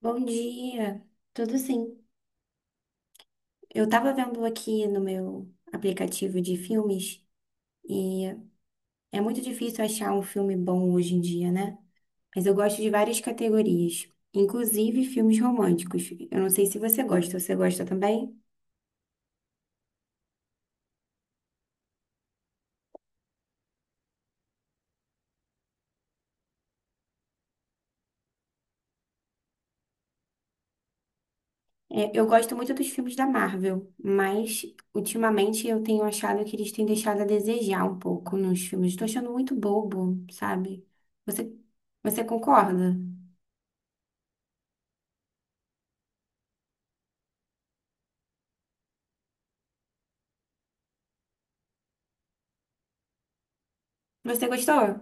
Bom dia, tudo sim. Eu tava vendo aqui no meu aplicativo de filmes e é muito difícil achar um filme bom hoje em dia, né? Mas eu gosto de várias categorias, inclusive filmes românticos. Eu não sei se você gosta, você gosta também? É, eu gosto muito dos filmes da Marvel, mas ultimamente eu tenho achado que eles têm deixado a desejar um pouco nos filmes. Estou achando muito bobo, sabe? Você, você concorda? Você gostou?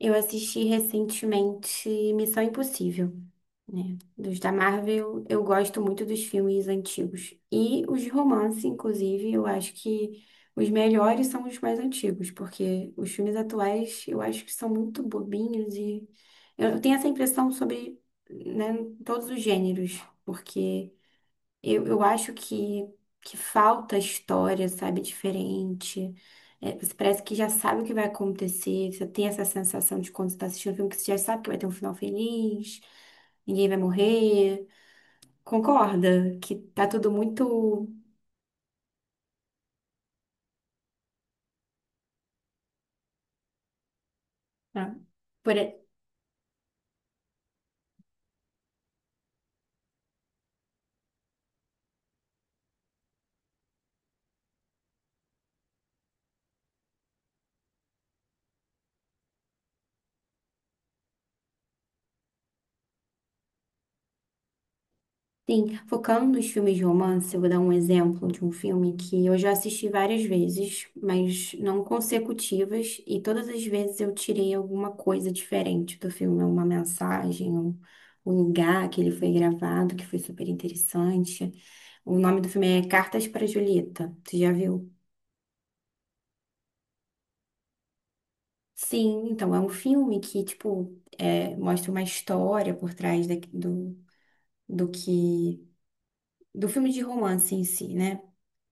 Eu assisti recentemente Missão Impossível, né? Dos da Marvel, eu gosto muito dos filmes antigos. E os de romance, inclusive, eu acho que os melhores são os mais antigos, porque os filmes atuais eu acho que são muito bobinhos e eu tenho essa impressão sobre, né, todos os gêneros, porque. Eu acho que falta história, sabe, diferente. É, você parece que já sabe o que vai acontecer. Você tem essa sensação de quando você está assistindo um filme que você já sabe que vai ter um final feliz, ninguém vai morrer. Concorda que tá tudo muito. ah, por- Sim, focando nos filmes de romance, eu vou dar um exemplo de um filme que eu já assisti várias vezes, mas não consecutivas, e todas as vezes eu tirei alguma coisa diferente do filme, uma mensagem, um lugar que ele foi gravado, que foi super interessante. O nome do filme é Cartas para Julieta. Você já viu? Sim, então é um filme que, tipo, é, mostra uma história por trás do do que do filme de romance em si, né?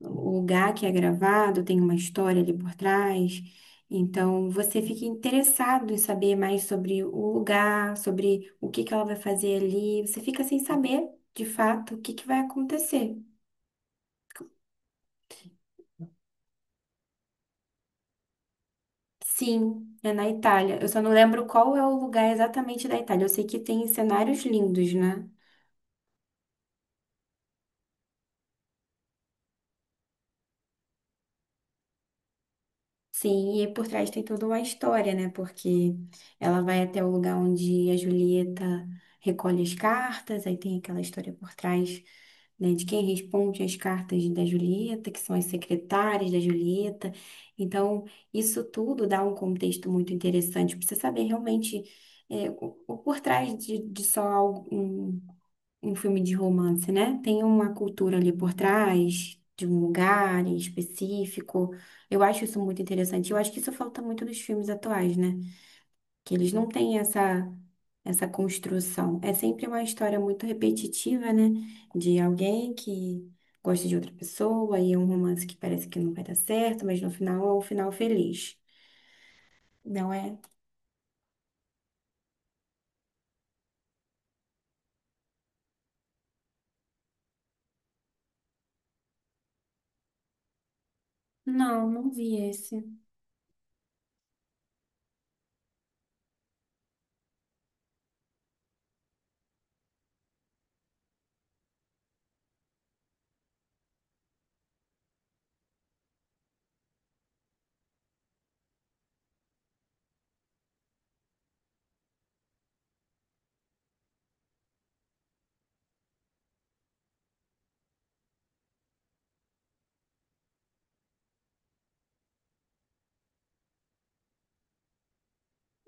O lugar que é gravado tem uma história ali por trás, então você fica interessado em saber mais sobre o lugar, sobre o que que ela vai fazer ali, você fica sem saber, de fato, o que que vai acontecer. Sim, é na Itália. Eu só não lembro qual é o lugar exatamente da Itália. Eu sei que tem cenários lindos, né? Sim, e por trás tem toda uma história, né? Porque ela vai até o lugar onde a Julieta recolhe as cartas, aí tem aquela história por trás, né, de quem responde as cartas da Julieta, que são as secretárias da Julieta. Então, isso tudo dá um contexto muito interessante para você saber realmente o por trás de só algo, um filme de romance, né? Tem uma cultura ali por trás, de um lugar em específico. Eu acho isso muito interessante. Eu acho que isso falta muito nos filmes atuais, né? Que eles não têm essa construção. É sempre uma história muito repetitiva, né? De alguém que gosta de outra pessoa e é um romance que parece que não vai dar certo, mas no final é um final feliz. Não é? Não, não vi esse.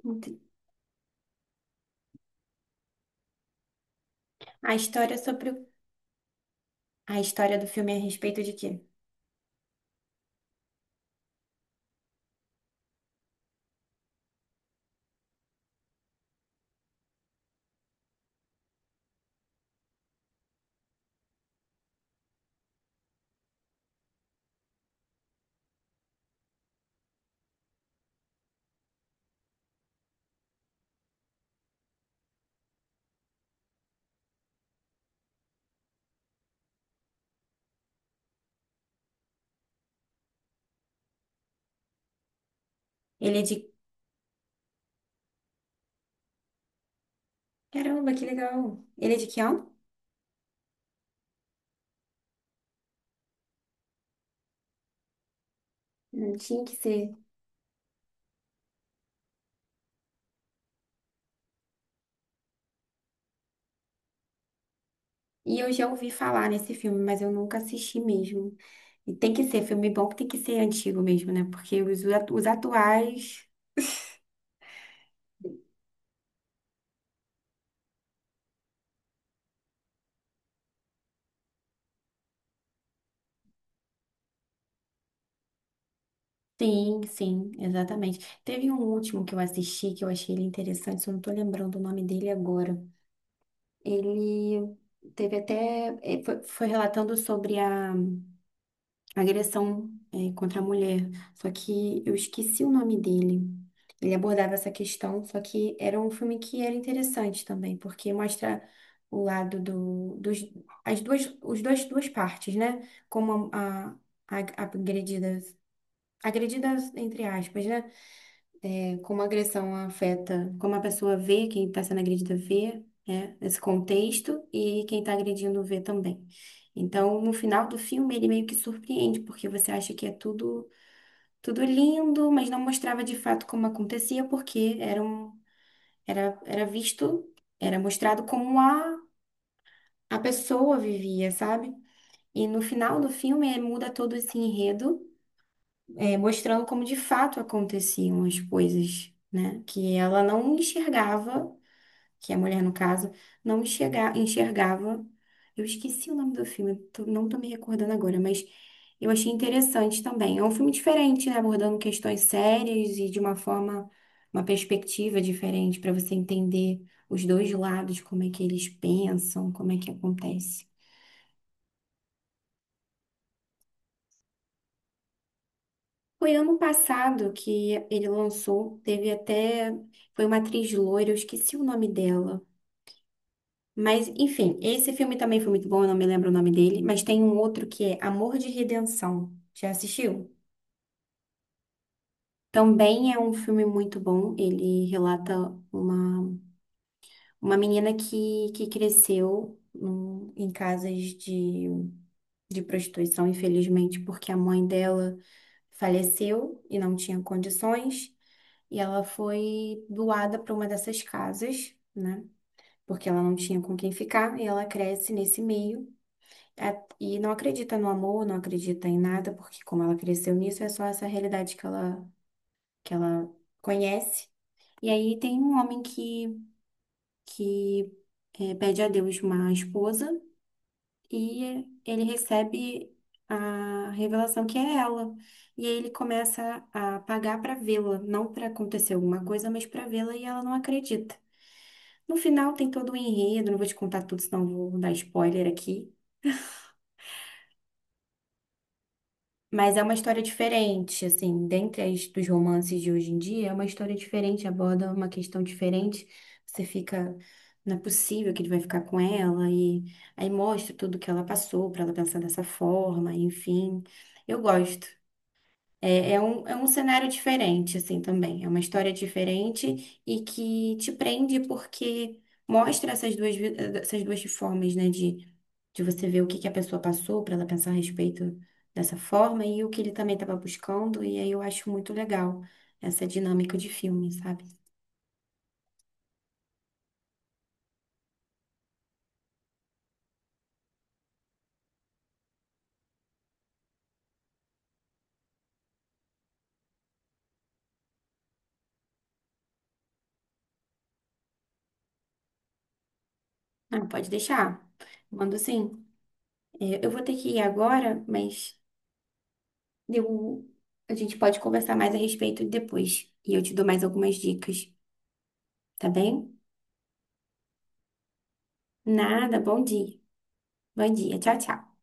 Não te- A história a história do filme é a respeito de quê? Ele é de Caramba, que legal. Ele é de que ano? Não tinha que ser. E eu já ouvi falar nesse filme, mas eu nunca assisti mesmo. E tem que ser filme bom que tem que ser antigo mesmo, né? Porque os atuais. Sim, sim, exatamente. Teve um último que eu assisti que eu achei ele interessante, só não tô lembrando o nome dele agora. Ele teve até. Foi relatando sobre a agressão, é, contra a mulher. Só que eu esqueci o nome dele. Ele abordava essa questão, só que era um filme que era interessante também, porque mostra o lado dos, as duas, os dois, duas partes, né? Como a agredida, agredida entre aspas, né? Como a agressão afeta, como a pessoa vê, quem está sendo agredida vê, né, esse contexto e quem está agredindo vê também. Então, no final do filme, ele meio que surpreende, porque você acha que é tudo, tudo lindo, mas não mostrava de fato como acontecia, porque era visto, era mostrado como a pessoa vivia, sabe? E no final do filme, é, muda todo esse enredo é, mostrando como de fato aconteciam as coisas, né? Que ela não enxergava que é a mulher, no caso, não enxergava. Eu esqueci o nome do filme, não tô me recordando agora, mas eu achei interessante também. É um filme diferente, né? Abordando questões sérias e de uma forma, uma perspectiva diferente para você entender os dois lados, como é que eles pensam, como é que acontece. Foi ano passado que ele lançou, teve até, foi uma atriz loira, eu esqueci o nome dela. Mas, enfim, esse filme também foi muito bom, eu não me lembro o nome dele, mas tem um outro que é Amor de Redenção. Já assistiu? Também é um filme muito bom. Ele relata uma, uma menina que cresceu em casas de prostituição, infelizmente, porque a mãe dela faleceu e não tinha condições, e ela foi doada para uma dessas casas, né? Porque ela não tinha com quem ficar, e ela cresce nesse meio. É, e não acredita no amor, não acredita em nada, porque como ela cresceu nisso, é só essa realidade que ela conhece. E aí tem um homem que é, pede a Deus uma esposa e ele recebe a revelação que é ela. E aí ele começa a pagar para vê-la, não para acontecer alguma coisa, mas para vê-la e ela não acredita. No final tem todo o enredo, não vou te contar tudo, senão vou dar spoiler aqui. Mas é uma história diferente, assim, dentre as dos romances de hoje em dia, é uma história diferente, aborda uma questão diferente. Você fica, não é possível que ele vai ficar com ela, e aí mostra tudo que ela passou para ela pensar dessa forma, enfim. Eu gosto. É um cenário diferente, assim, também. É uma história diferente e que te prende porque mostra essas duas, essas duas formas, né, de você ver o que que a pessoa passou para ela pensar a respeito dessa forma e o que ele também estava buscando. E aí eu acho muito legal essa dinâmica de filme, sabe? Ah, pode deixar. Mando sim. É, eu vou ter que ir agora, mas eu, a gente pode conversar mais a respeito depois. E eu te dou mais algumas dicas, tá bem? Nada, bom dia. Bom dia, tchau, tchau.